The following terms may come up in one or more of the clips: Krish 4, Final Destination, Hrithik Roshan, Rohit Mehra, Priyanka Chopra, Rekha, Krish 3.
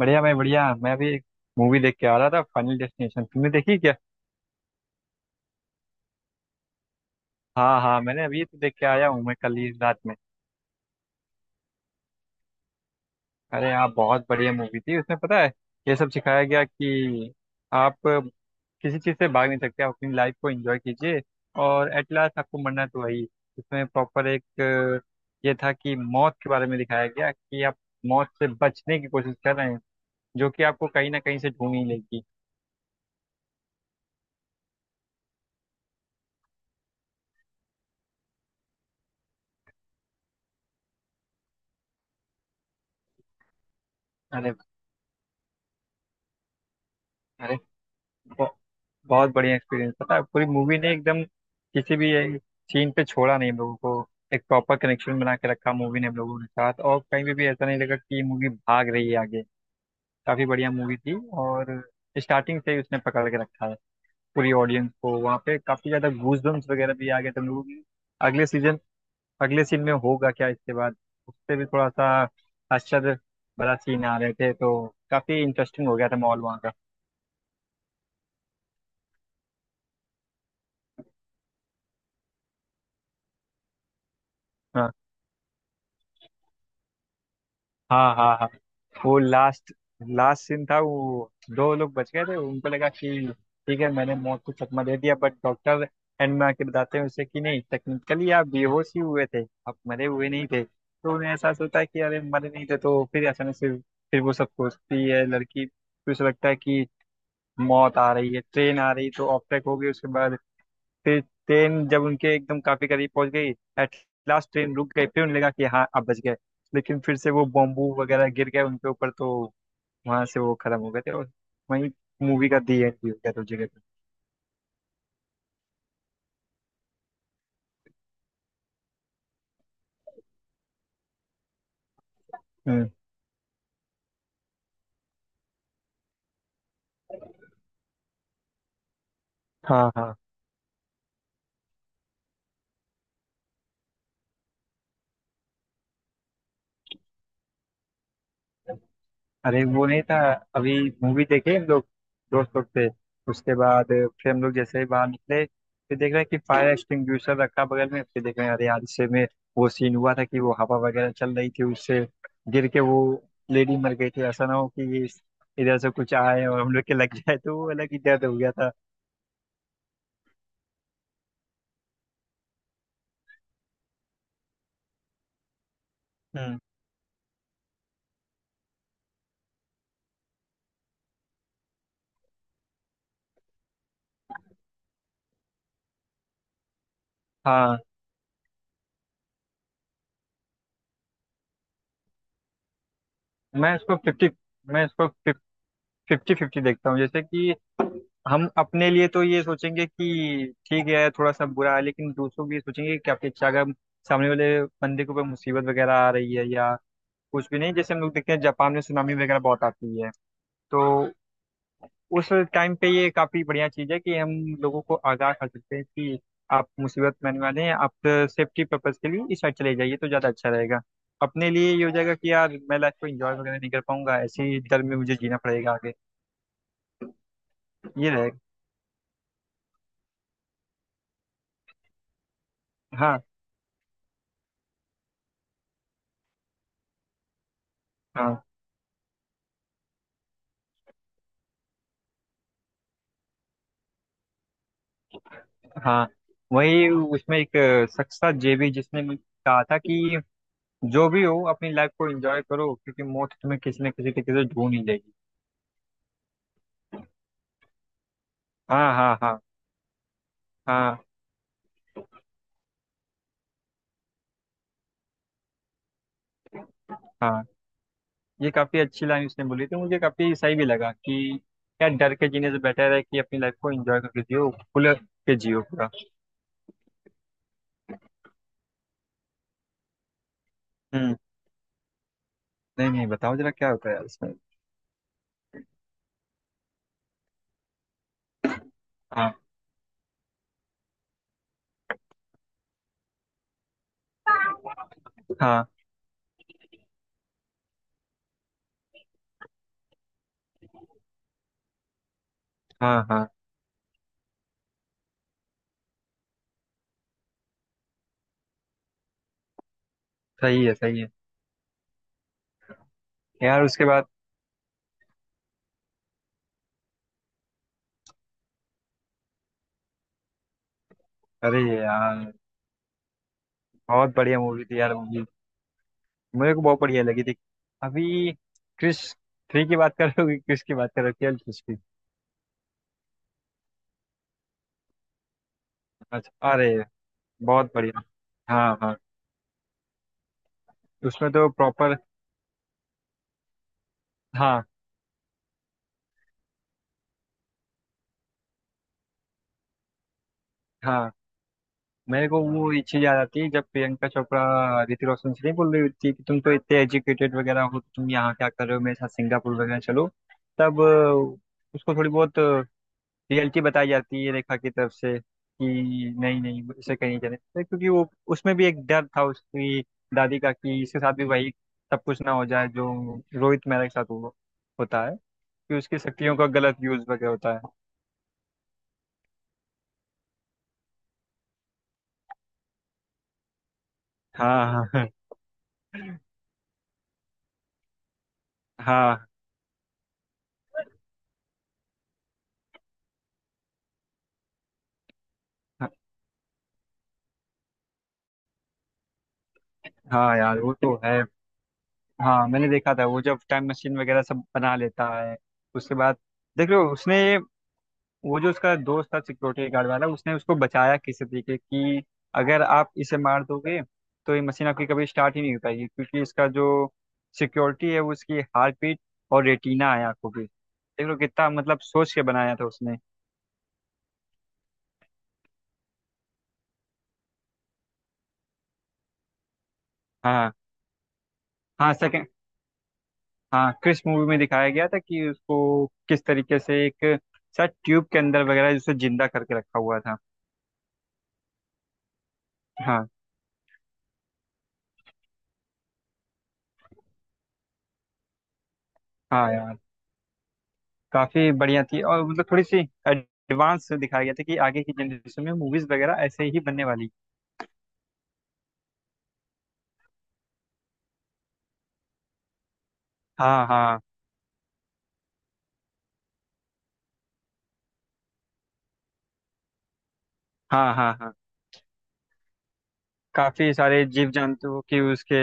बढ़िया भाई बढ़िया। मैं भी एक मूवी देख के आ रहा था, फाइनल डेस्टिनेशन। तुमने देखी क्या? हाँ हाँ, मैंने अभी तो देख के आया हूँ मैं, कल ही रात में। अरे हाँ, बहुत बढ़िया मूवी थी। उसमें पता है ये सब सिखाया गया कि आप किसी चीज़ से भाग नहीं सकते, आप अपनी लाइफ को एंजॉय कीजिए और एट लास्ट आपको मरना तो वही। इसमें प्रॉपर एक ये था कि मौत के बारे में दिखाया गया कि आप मौत से बचने की कोशिश कर रहे हैं जो कि आपको कहीं ना कहीं से ढूंढ ही लेगी। अरे अरे, बहुत बढ़िया एक्सपीरियंस। पता है पूरी मूवी ने एकदम किसी भी सीन पे छोड़ा नहीं हम लोगों को। एक प्रॉपर कनेक्शन बना के रखा मूवी ने हम लोगों के साथ, और कहीं भी ऐसा नहीं लगा कि मूवी भाग रही है आगे। काफी बढ़िया मूवी थी। और स्टार्टिंग से ही उसने पकड़ के रखा है पूरी ऑडियंस को। वहाँ पे काफी ज्यादा गूज वगैरह भी आ गए थे हम लोगों के। अगले सीजन अगले सीन में होगा क्या इसके बाद, उससे भी थोड़ा सा आश्चर्य बड़ा सीन आ रहे थे, तो काफी इंटरेस्टिंग हो गया था माहौल वहाँ का। हाँ हाँ हाँ। हाँ वो लास्ट लास्ट सीन था। वो दो लोग बच गए थे, उनको लगा कि ठीक है, मैंने मौत को चकमा दे दिया, बट डॉक्टर एंड में आके बताते हैं उसे कि नहीं, टेक्निकली आप बेहोश ही हुए थे, आप मरे हुए नहीं थे। तो उन्हें एहसास होता है कि अरे मरे नहीं थे। तो फिर अचानक से फिर वो सब सोचती है लड़की, फिर उसे लगता है कि मौत आ रही है, ट्रेन आ रही, तो ऑफ ट्रैक हो गई। उसके बाद फिर ट्रेन जब उनके एकदम काफी करीब पहुंच गई, एट लास्ट ट्रेन रुक गई। फिर उन्हें लगा कि हाँ आप बच गए, लेकिन फिर से वो बॉम्बू वगैरह गिर गए उनके ऊपर, तो वहां से वो खत्म हो गए थे और वहीं मूवी का दी एंड भी हो गया था उस जगह पे। हम्म। हाँ हाँ। अरे वो नहीं था, अभी मूवी देखे हम लोग, दोस्त लोग थे। उसके बाद फिर हम लोग जैसे ही बाहर निकले, फिर देख रहे हैं कि फायर एक्सटिंग्विशर रखा बगल में। फिर देख रहे हैं, अरे यार इससे में वो सीन हुआ था कि वो हवा वगैरह चल रही थी, उससे गिर के वो लेडी मर गई थी। ऐसा ना हो कि ये इधर से कुछ आए और हम लोग के लग जाए, तो वो अलग ही दर्द हो गया था। हम्म। हाँ। मैं इसको फिफ्टी मैं इसको फिफ्टी फिफ्टी देखता हूँ। जैसे कि हम अपने लिए तो ये सोचेंगे कि ठीक है थोड़ा सा बुरा है, लेकिन दूसरों के लिए सोचेंगे क्या अच्छा। अगर सामने वाले बंदे के ऊपर मुसीबत वगैरह आ रही है या कुछ भी नहीं, जैसे हम लोग देखते हैं जापान में सुनामी वगैरह बहुत आती है, तो उस टाइम पे ये काफी बढ़िया चीज है कि हम लोगों को आगाह कर सकते हैं कि आप मुसीबत में आने वाले हैं, आप सेफ्टी पर्पज के लिए इस साइड चले जाइए तो ज्यादा अच्छा रहेगा। अपने लिए ये हो जाएगा कि यार मैं लाइफ को एंजॉय वगैरह नहीं कर पाऊंगा, ऐसे ही डर में मुझे जीना पड़ेगा आगे। ये रहेगा। हाँ हाँ हाँ। वही उसमें एक शख्स था जेबी, जिसने मुझे कहा था कि जो भी हो अपनी लाइफ को एंजॉय करो, क्योंकि मौत तुम्हें किसी न किसी तरीके से ढूंढ ही देगी। हाँ हाँ हाँ। हाँ हाँ। ये काफी अच्छी लाइन उसने बोली थी, मुझे काफी सही भी लगा कि यार डर के जीने से बेटर है कि अपनी लाइफ को एंजॉय करके जियो, खुल के जियो पूरा। हम्म। नहीं नहीं, बताओ जरा क्या होता है यार इसमें। हाँ हाँ हाँ हाँ। सही है सही है। यार उसके बाद अरे यार बहुत बढ़िया मूवी थी यार, मेरे को बहुत बढ़िया लगी थी। अभी क्रिश थ्री की बात कर रहे हो कि क्रिश की बात कर रहे हो, केवल क्रिश की? अच्छा अरे, बहुत बढ़िया। हाँ हाँ। उसमें तो प्रॉपर। हाँ हाँ। मेरे को वो ये चीज याद आती है जब प्रियंका चोपड़ा ऋतिक रोशन से नहीं बोल रही होती कि तुम तो इतने एजुकेटेड वगैरह हो, तुम यहाँ क्या कर रहे हो, मेरे साथ सिंगापुर वगैरह चलो। तब उसको थोड़ी बहुत रियलिटी बताई जाती है रेखा की तरफ से कि नहीं नहीं, इसे कहीं नहीं जाने देते, क्योंकि वो उसमें भी एक डर था उसकी दादी का कि इसके साथ भी वही सब कुछ ना हो जाए जो रोहित मेहरा के साथ हो, होता है कि उसकी शक्तियों का गलत यूज वगैरह होता है। हाँ हाँ हाँ। हाँ हाँ यार वो तो है। हाँ मैंने देखा था वो जब टाइम मशीन वगैरह सब बना लेता है उसके बाद। देख लो उसने, वो जो उसका दोस्त था सिक्योरिटी गार्ड वाला, उसने उसको बचाया किसी तरीके, कि अगर आप इसे मार दोगे तो ये मशीन आपकी कभी स्टार्ट ही नहीं हो पाएगी, क्योंकि इसका जो सिक्योरिटी है वो उसकी हार्ट बीट और रेटिना है आंखों की। देख लो कितना मतलब सोच के बनाया था उसने। हाँ हाँ सेकंड। हाँ क्रिस मूवी में दिखाया गया था कि उसको किस तरीके से एक, शायद ट्यूब के अंदर वगैरह जिसे जिंदा करके रखा हुआ था। हाँ हाँ यार, काफी बढ़िया थी। और मतलब थोड़ी सी एडवांस दिखाया गया था कि आगे की जनरेशन में मूवीज वगैरह ऐसे ही बनने वाली। हाँ हाँ हाँ हाँ हाँ। काफी सारे जीव जंतु की उसके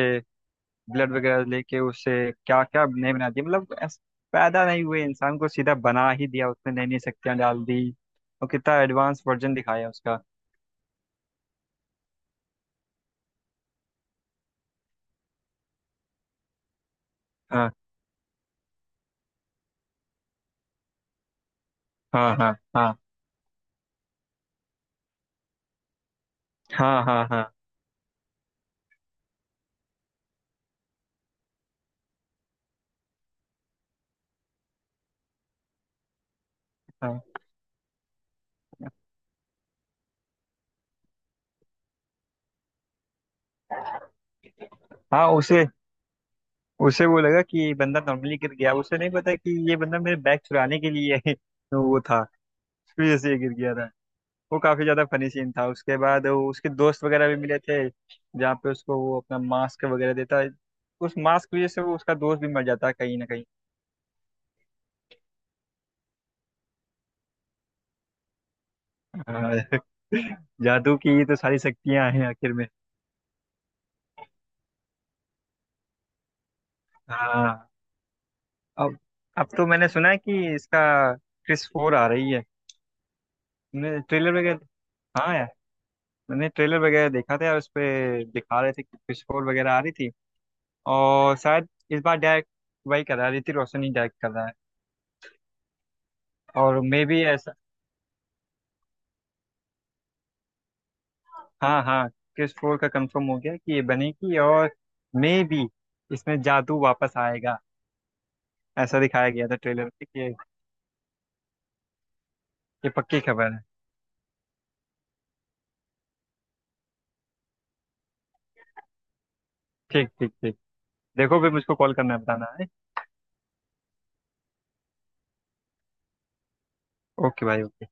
ब्लड वगैरह लेके, उससे क्या क्या नहीं बना दिया मतलब। पैदा नहीं हुए इंसान को सीधा बना ही दिया उसने, नई नई शक्तियां डाल दी, और कितना एडवांस वर्जन दिखाया उसका। हाँ हाँ हाँ हाँ हाँ हाँ हाँ हाँ हाँ। उसे उसे वो लगा कि ये बंदा नॉर्मली गिर गया, उसे नहीं पता कि ये बंदा मेरे बैग चुराने के लिए वो था। फिर ऐसे ही गिर गया था। वो काफी ज्यादा फनी सीन था। उसके बाद वो उसके दोस्त वगैरह भी मिले थे, जहाँ पे उसको वो अपना मास्क वगैरह देता है, उस मास्क की वजह से वो उसका दोस्त भी मर जाता है कहीं ना कहीं। हाँ। जादू की ये तो सारी शक्तियां हैं आखिर में। हाँ। अब अब तो मैंने सुना है कि इसका क्रिस फोर आ रही है। मैंने ट्रेलर वगैरह। हाँ यार मैंने ट्रेलर वगैरह देखा था यार, उस पे दिखा रहे थे कि क्रिस फोर वगैरह आ रही थी, और शायद इस बार डायरेक्ट वही कर रहा है, ऋतिक रोशन ही डायरेक्ट कर रहा है। और मे भी। हाँ हाँ। क्रिस फोर का कंफर्म हो गया कि ये बनेगी। और मे बी इसमें जादू वापस आएगा। ऐसा दिखाया गया था ट्रेलर में कि ये पक्की खबर है। ठीक ठीक ठीक। देखो फिर मुझको कॉल करना है, बताना है। ओके भाई ओके।